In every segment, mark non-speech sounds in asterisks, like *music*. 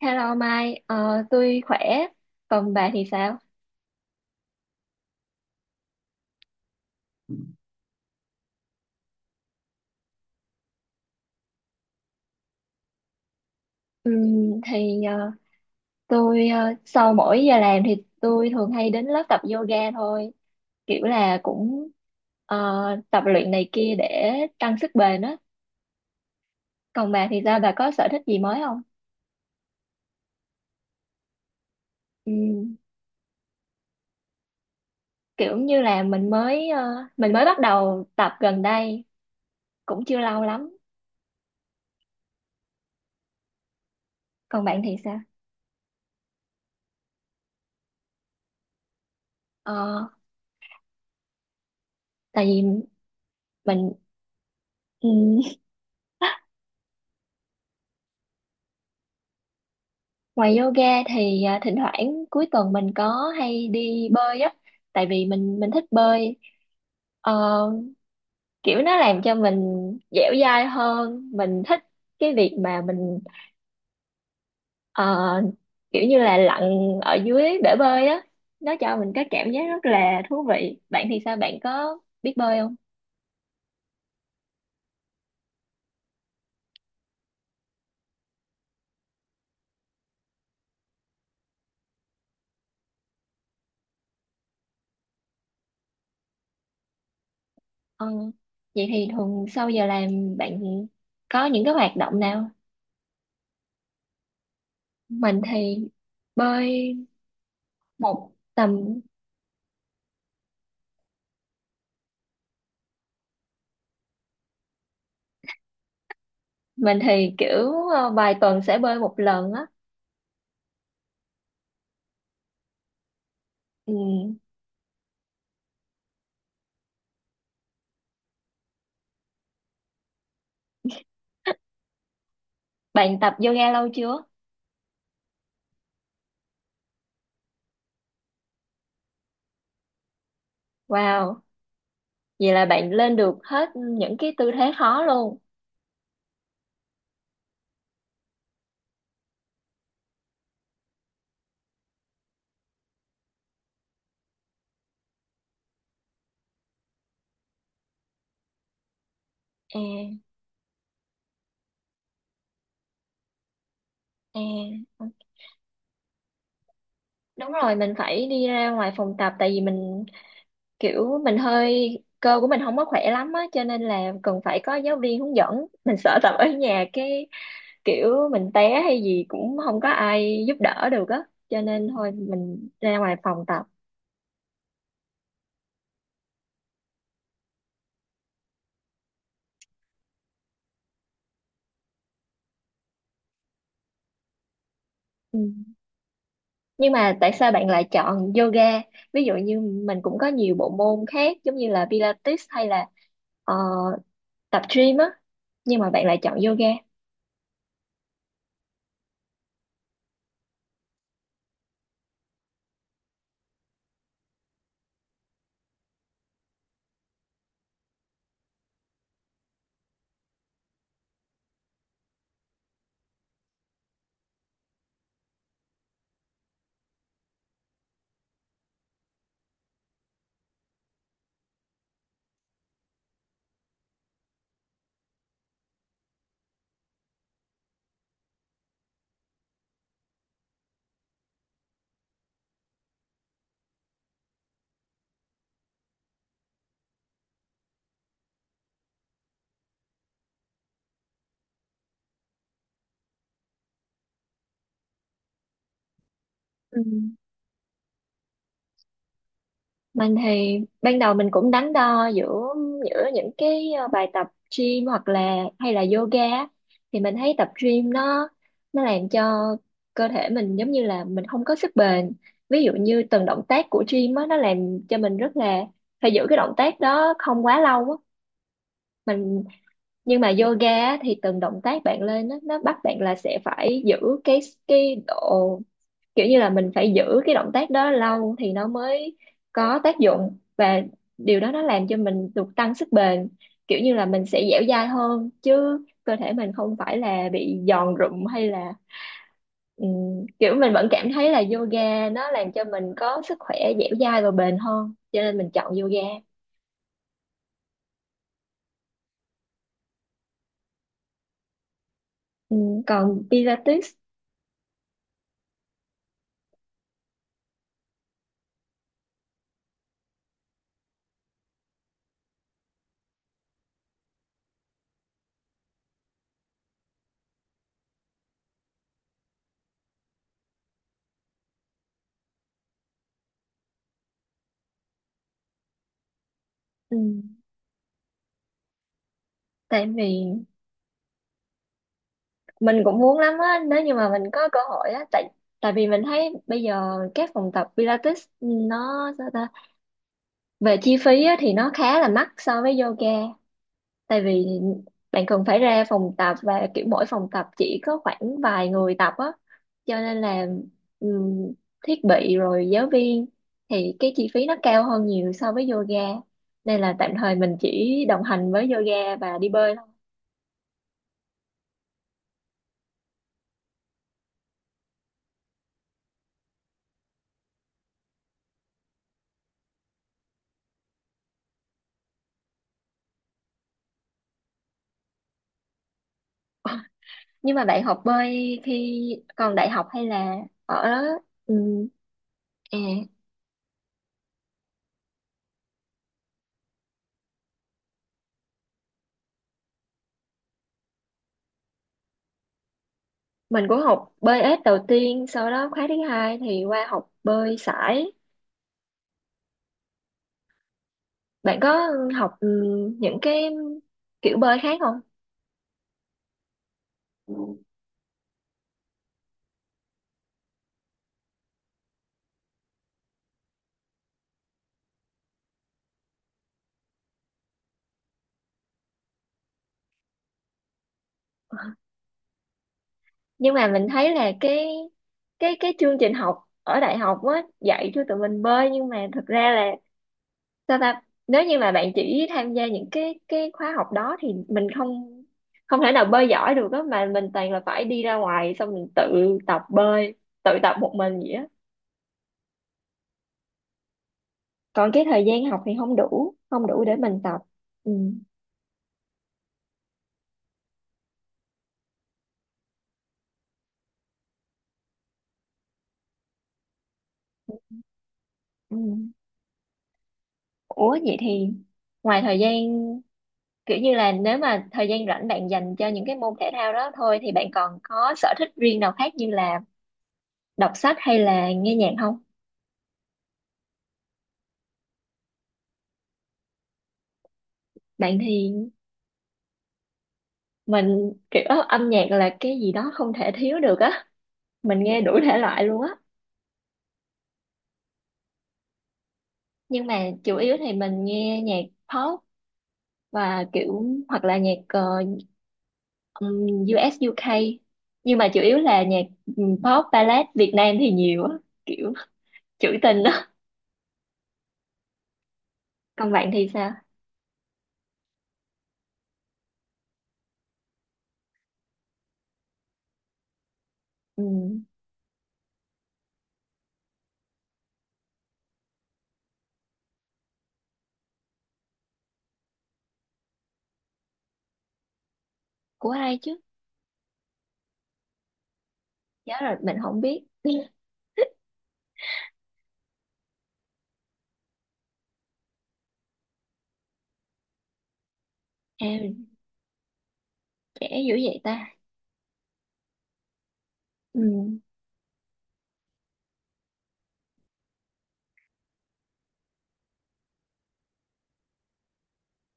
Hello Mai, tôi khỏe, còn bà thì sao? Ừm, thì ờ, sau mỗi giờ làm thì tôi thường hay đến lớp tập yoga thôi, kiểu là cũng ờ, tập luyện này kia để tăng sức bền á. Còn bà thì sao? Bà có sở thích gì mới không? Ừm, kiểu như là mình mới ờ, mình mới bắt đầu tập gần đây, cũng chưa lâu lắm. Còn bạn thì sao? Ờ, tại vì mình Ngoài yoga thì thỉnh thoảng cuối tuần mình có hay đi bơi á, tại vì mình thích bơi. Ờ, kiểu nó làm cho mình dẻo dai hơn, mình thích cái việc mà ờ, kiểu như là lặn ở dưới bể bơi á, nó cho mình cái cảm giác rất là thú vị. Bạn thì sao? Bạn có biết bơi không? Ờ, vậy thì thường sau giờ làm bạn có những cái hoạt động nào? Mình thì bơi một tầm mình thì vài tuần sẽ bơi một lần á. Ừ, bạn tập yoga lâu chưa? Wow, vậy là bạn lên được hết những cái tư thế khó luôn. à, à, ờ. Đúng rồi, mình phải đi ra ngoài phòng tập tại vì mình kiểu mình hơi cơ của mình không có khỏe lắm á, cho nên là cần phải có giáo viên hướng dẫn, mình sợ tập ở nhà cái kiểu mình té hay gì cũng không có ai giúp đỡ được á, cho nên thôi mình ra ngoài phòng tập. Ừ. Nhưng mà tại sao bạn lại chọn yoga? Ví dụ như mình cũng có nhiều bộ môn khác giống như là Pilates hay là ờ, tập gym á, nhưng mà bạn lại chọn yoga. Ừ. Mình thì ban đầu mình cũng đắn đo giữa giữa những cái bài tập gym hoặc là hay là yoga á. Thì mình thấy tập gym nó làm cho cơ thể mình giống như là mình không có sức bền. Ví dụ như từng động tác của gym á, nó làm cho mình rất là phải giữ cái động tác đó không quá lâu á. Mình nhưng mà yoga á, thì từng động tác bạn lên á, nó bắt bạn là sẽ phải giữ cái cái độ kiểu như là mình phải giữ cái động tác đó lâu thì nó mới có tác dụng, và điều đó nó làm cho mình được tăng sức bền, kiểu như là mình sẽ dẻo dai hơn chứ cơ thể mình không phải là bị giòn rụm hay là kiểu mình vẫn cảm thấy là yoga nó làm cho mình có sức khỏe dẻo dai và bền hơn cho nên mình chọn yoga. Còn Pilates ừm, tại vì mình cũng muốn lắm á nếu như mà mình có cơ hội á, tại tại vì mình thấy bây giờ các phòng tập Pilates nó sao ta, về chi phí á, thì nó khá là mắc so với yoga, tại vì bạn cần phải ra phòng tập và kiểu mỗi phòng tập chỉ có khoảng vài người tập á, cho nên là ừm, thiết bị rồi giáo viên thì cái chi phí nó cao hơn nhiều so với yoga, nên là tạm thời mình chỉ đồng hành với yoga và đi bơi. Nhưng mà bạn học bơi khi còn đại học hay là ở ừm, à, mình cũng học bơi ếch đầu tiên, sau đó khóa thứ hai thì qua học bơi sải. Bạn có học những cái kiểu bơi khác không? Nhưng mà mình thấy là cái chương trình học ở đại học á dạy cho tụi mình bơi, nhưng mà thực ra là sao ta, nếu như mà bạn chỉ tham gia những cái khóa học đó thì mình không không thể nào bơi giỏi được á, mà mình toàn là phải đi ra ngoài, xong mình tự tập bơi, tự tập một mình vậy á. Còn cái thời gian học thì không đủ, để mình tập. Ừ. Ừ. Ủa vậy thì ngoài thời gian kiểu như là nếu mà thời gian rảnh bạn dành cho những cái môn thể thao đó thôi, thì bạn còn có sở thích riêng nào khác như là đọc sách hay là nghe nhạc không? Bạn thì mình kiểu âm nhạc là cái gì đó không thể thiếu được á, mình nghe đủ thể loại luôn á, nhưng mà chủ yếu thì mình nghe nhạc pop và kiểu hoặc là nhạc ừm, US UK, nhưng mà chủ yếu là nhạc pop ballad Việt Nam thì nhiều á, kiểu trữ tình á. Còn bạn thì sao? Ừm, của ai chứ? Giá rồi mình không biết. *laughs* à, Trẻ dữ vậy ta. Ừm,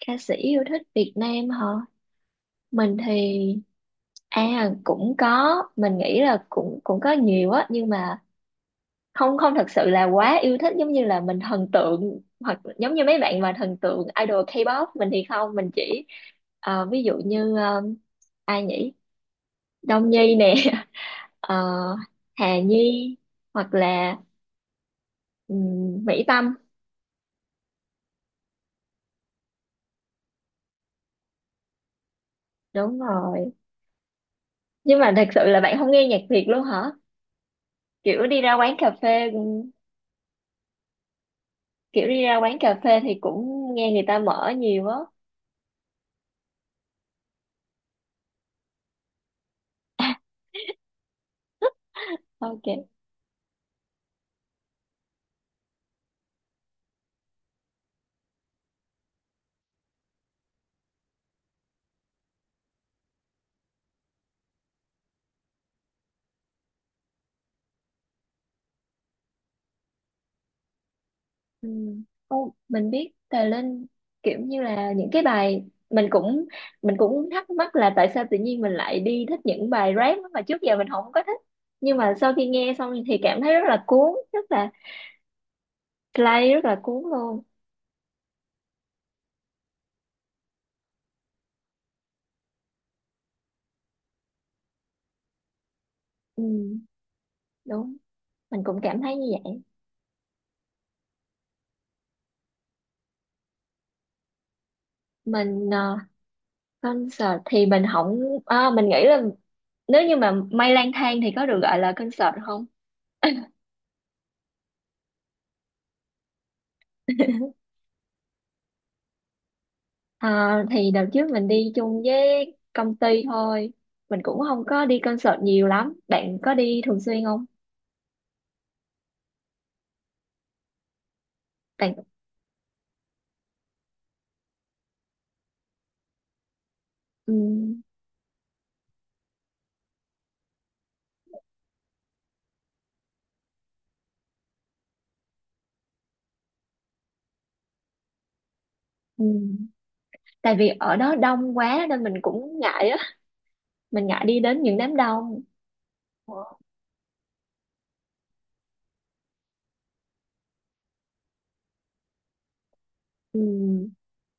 ca sĩ yêu thích Việt Nam hả? Mình thì à, cũng có, mình nghĩ là cũng cũng có nhiều á, nhưng mà không không thật sự là quá yêu thích giống như là mình thần tượng, hoặc giống như mấy bạn mà thần tượng idol K-pop. Mình thì không, mình chỉ ví dụ như ai nhỉ? Đông Nhi nè, *laughs* ờ, Hà Nhi, hoặc là Mỹ Tâm, đúng rồi. Nhưng mà thật sự là bạn không nghe nhạc Việt luôn hả? Kiểu đi ra quán cà phê kiểu đi ra quán cà phê thì cũng nghe người ta mở nhiều á. Ok. Ừ. Ô, mình biết Tài Linh, kiểu như là những cái bài mình cũng thắc mắc là tại sao tự nhiên mình lại đi thích những bài rap mà trước giờ mình không có thích, nhưng mà sau khi nghe xong thì cảm thấy rất là cuốn, rất là play, rất là cuốn luôn. ừ, Đúng, mình cũng cảm thấy như vậy. mình ờ, Concert thì mình không, mình nghĩ là nếu như mà Mây lang thang thì có được gọi là concert không? À, thì đợt trước mình đi chung với công ty thôi, mình cũng không có đi concert nhiều lắm. Bạn có đi thường xuyên không? bạn ừm, ừm. Tại vì ở đó đông quá nên mình cũng ngại á, mình ngại đi đến những đám đông. Ừm,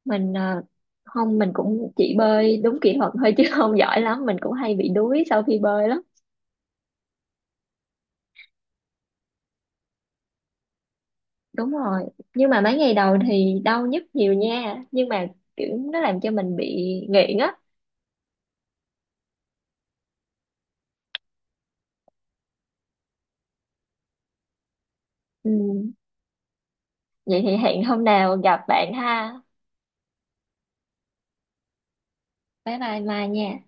mình à, không, mình cũng chỉ bơi đúng kỹ thuật thôi chứ *laughs* không giỏi lắm, mình cũng hay bị đuối sau khi bơi lắm. Đúng rồi, nhưng mà mấy ngày đầu thì đau nhức nhiều nha, nhưng mà kiểu nó làm cho mình bị nghiện á. Ừ. Vậy thì hẹn hôm nào gặp bạn ha. Bye bye Mai nha.